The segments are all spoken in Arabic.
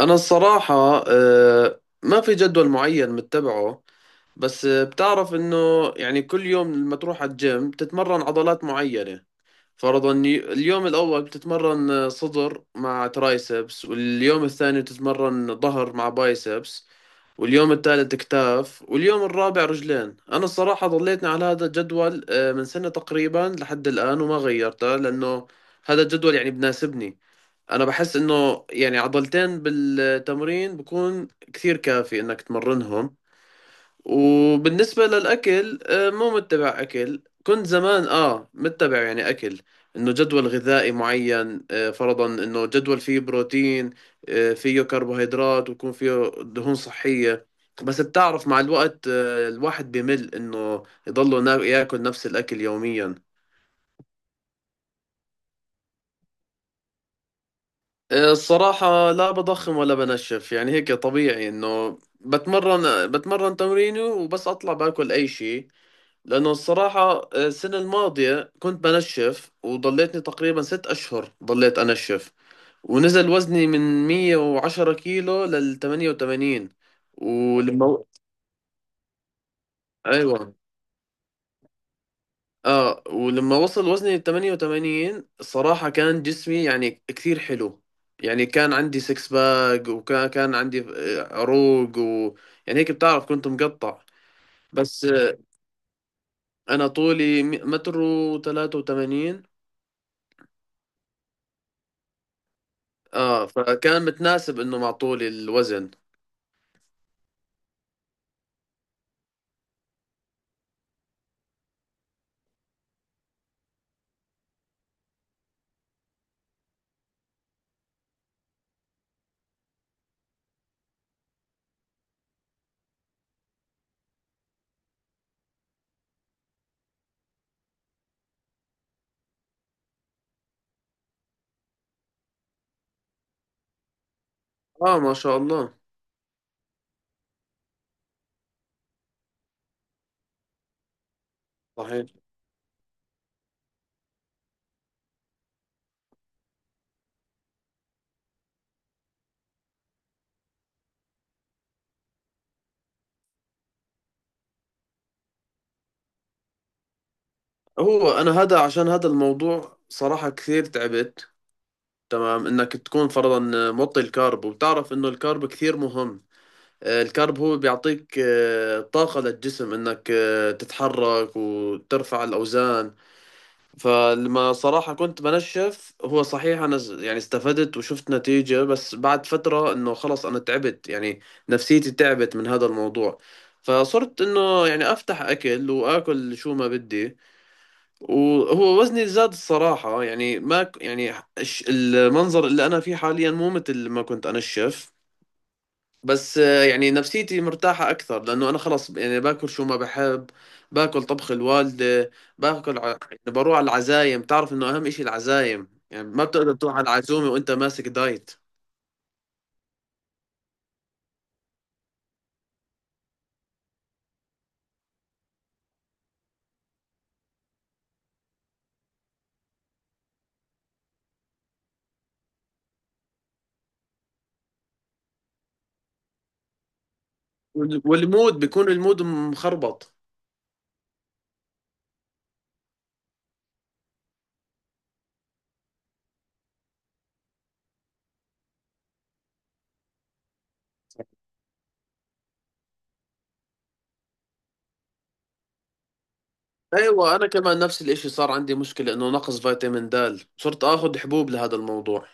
أنا الصراحة، ما في جدول معين متبعه. بس بتعرف إنه يعني كل يوم لما تروح على الجيم بتتمرن عضلات معينة. فرضا اليوم الأول بتتمرن صدر مع ترايسبس، واليوم الثاني بتتمرن ظهر مع بايسبس، واليوم الثالث كتاف، واليوم الرابع رجلين. أنا الصراحة ضليتني على هذا الجدول من سنة تقريبا لحد الآن وما غيرته، لأنه هذا الجدول يعني بناسبني. انا بحس انه يعني عضلتين بالتمرين بكون كثير كافي انك تمرنهم. وبالنسبة للاكل، مو متبع اكل. كنت زمان متبع يعني اكل، انه جدول غذائي معين، فرضا انه جدول فيه بروتين، فيه كربوهيدرات، ويكون فيه دهون صحية. بس بتعرف مع الوقت الواحد بمل انه يضله ياكل نفس الاكل يوميا. الصراحة لا بضخم ولا بنشف، يعني هيك طبيعي انه بتمرن تمريني وبس، اطلع باكل اي شيء. لانه الصراحة السنة الماضية كنت بنشف وضليتني تقريبا ست اشهر ضليت انشف، ونزل وزني من 110 كيلو لل 88. ولما، ايوه، اه ولما وصل وزني 88 الصراحة كان جسمي يعني كثير حلو. يعني كان عندي سكس باك، وكان عندي عروق، و يعني هيك بتعرف كنت مقطع. بس آه، انا طولي متر وثلاثة وثمانين. اه فكان متناسب انه مع طولي الوزن. اه ما شاء الله. صحيح. هو انا هذا عشان هذا الموضوع صراحة كثير تعبت. تمام انك تكون فرضا موطي الكارب، وبتعرف انه الكارب كثير مهم. الكارب هو بيعطيك طاقة للجسم انك تتحرك وترفع الاوزان. فلما صراحة كنت بنشف، هو صحيح انا يعني استفدت وشفت نتيجة، بس بعد فترة انه خلص انا تعبت يعني، نفسيتي تعبت من هذا الموضوع. فصرت انه يعني افتح اكل واكل شو ما بدي، وهو وزني زاد الصراحة. يعني ما يعني المنظر اللي انا فيه حاليا مو مثل ما كنت انشف، بس آه، يعني نفسيتي مرتاحة أكثر لأنه أنا خلص يعني باكل شو ما بحب. باكل طبخ الوالدة، باكل يعني بروح على العزايم. تعرف إنه أهم إشي العزايم، يعني ما بتقدر تروح على العزومة وأنت ماسك دايت. والمود بيكون المود مخربط. أيوة، أنا كمان نفس الإشي صار عندي مشكلة إنه نقص فيتامين د، صرت آخذ حبوب لهذا الموضوع.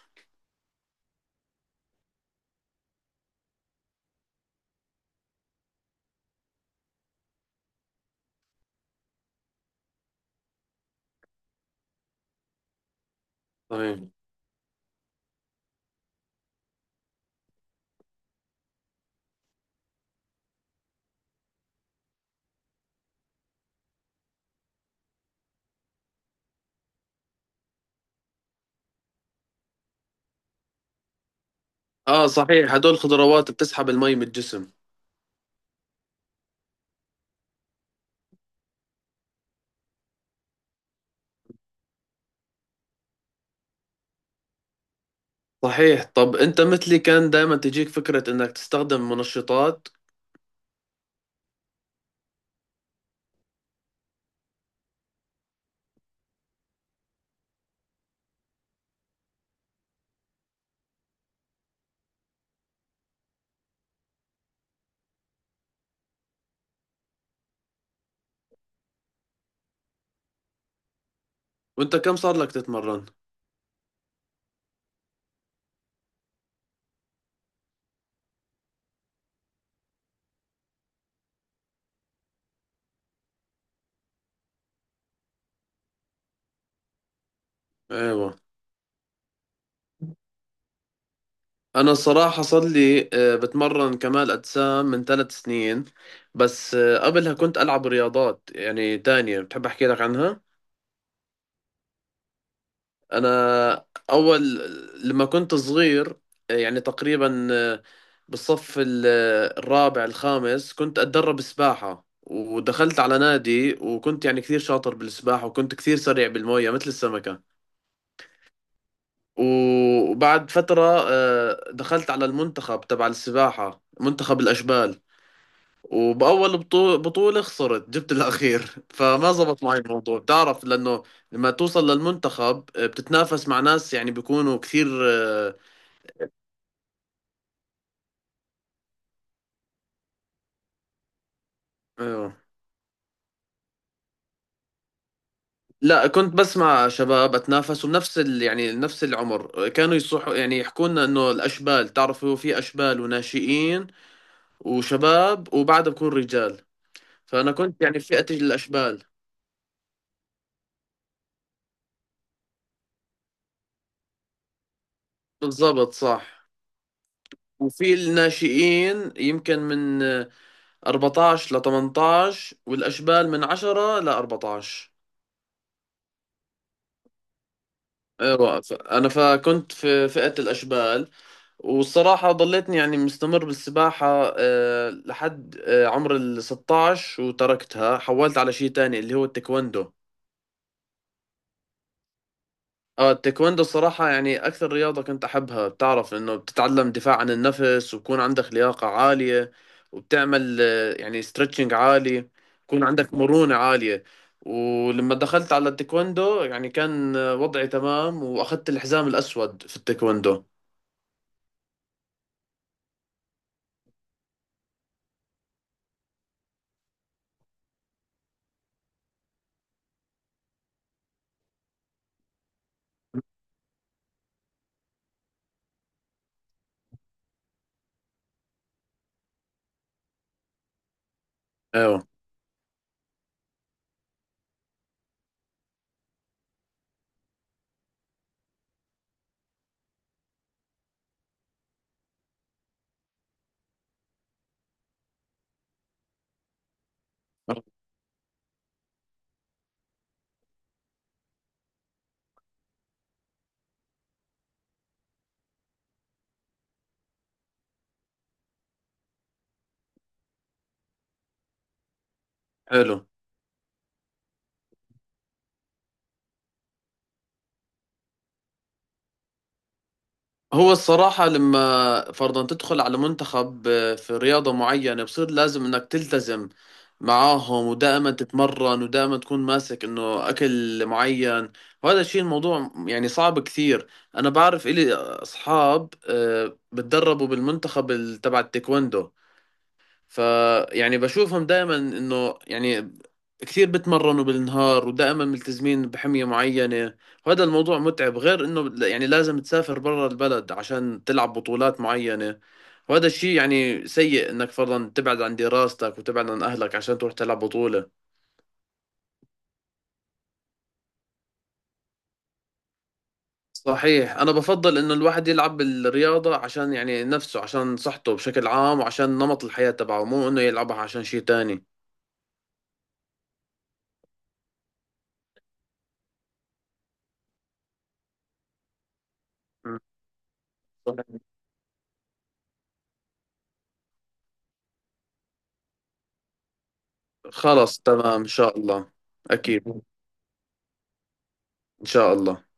صحيح. آه صحيح، هدول خضروات بتسحب المي من الجسم. صحيح. طب أنت مثلي كان دائما تجيك فكرة إنك تستخدم منشطات؟ وانت كم صار لك تتمرن؟ ايوه، انا الصراحة صار لي بتمرن كمال اجسام من ثلاث سنين. بس آه، قبلها كنت العب رياضات يعني تانية، بتحب احكي لك عنها؟ انا اول لما كنت صغير، يعني تقريبا بالصف الرابع الخامس كنت اتدرب سباحة، ودخلت على نادي، وكنت يعني كثير شاطر بالسباحة، وكنت كثير سريع بالمية مثل السمكة. وبعد فترة دخلت على المنتخب تبع السباحة، منتخب الأشبال. وبأول بطولة خسرت، جبت الأخير فما زبط معي الموضوع. بتعرف لأنه لما توصل للمنتخب بتتنافس مع ناس يعني بيكونوا كثير آه، لا، كنت بس مع شباب أتنافس وبنفس يعني نفس العمر. كانوا يصحوا يعني يحكوا لنا إنه الأشبال، تعرفوا في أشبال وناشئين وشباب وبعدها بكون رجال. فأنا كنت يعني في فئة الأشبال. بالضبط صح. وفي الناشئين يمكن من 14 ل 18، والأشبال من 10 ل 14. ايوه، انا فكنت في فئة الاشبال. والصراحة ضليتني يعني مستمر بالسباحة لحد عمر ال 16 وتركتها، حولت على شيء تاني اللي هو التايكوندو. اه التايكوندو الصراحة يعني أكثر رياضة كنت أحبها. بتعرف إنه بتتعلم دفاع عن النفس، وبكون عندك لياقة عالية، وبتعمل يعني ستريتشنج عالي، بكون عندك مرونة عالية. ولما دخلت على التايكوندو يعني كان وضعي تمام، وأخذت الحزام الأسود في التايكوندو. أيوه حلو. هو الصراحة لما فرضا تدخل على منتخب في رياضة معينة بصير لازم انك تلتزم معاهم ودائما تتمرن ودائما تكون ماسك انه اكل معين، وهذا الشيء الموضوع يعني صعب كثير. انا بعرف الي اصحاب بتدربوا بالمنتخب تبع التايكوندو، فيعني بشوفهم دائما انه يعني كثير بتمرنوا بالنهار ودائما ملتزمين بحمية معينة. وهذا الموضوع متعب، غير انه يعني لازم تسافر برا البلد عشان تلعب بطولات معينة، وهذا الشيء يعني سيء انك فرضا تبعد عن دراستك وتبعد عن اهلك عشان تروح تلعب بطولة. صحيح. انا بفضل انه الواحد يلعب بالرياضة عشان يعني نفسه، عشان صحته بشكل عام، وعشان نمط الحياة تبعه، مو انه يلعبها عشان شيء تاني. م. صحيح. خلص تمام ان شاء الله. اكيد ان شاء الله.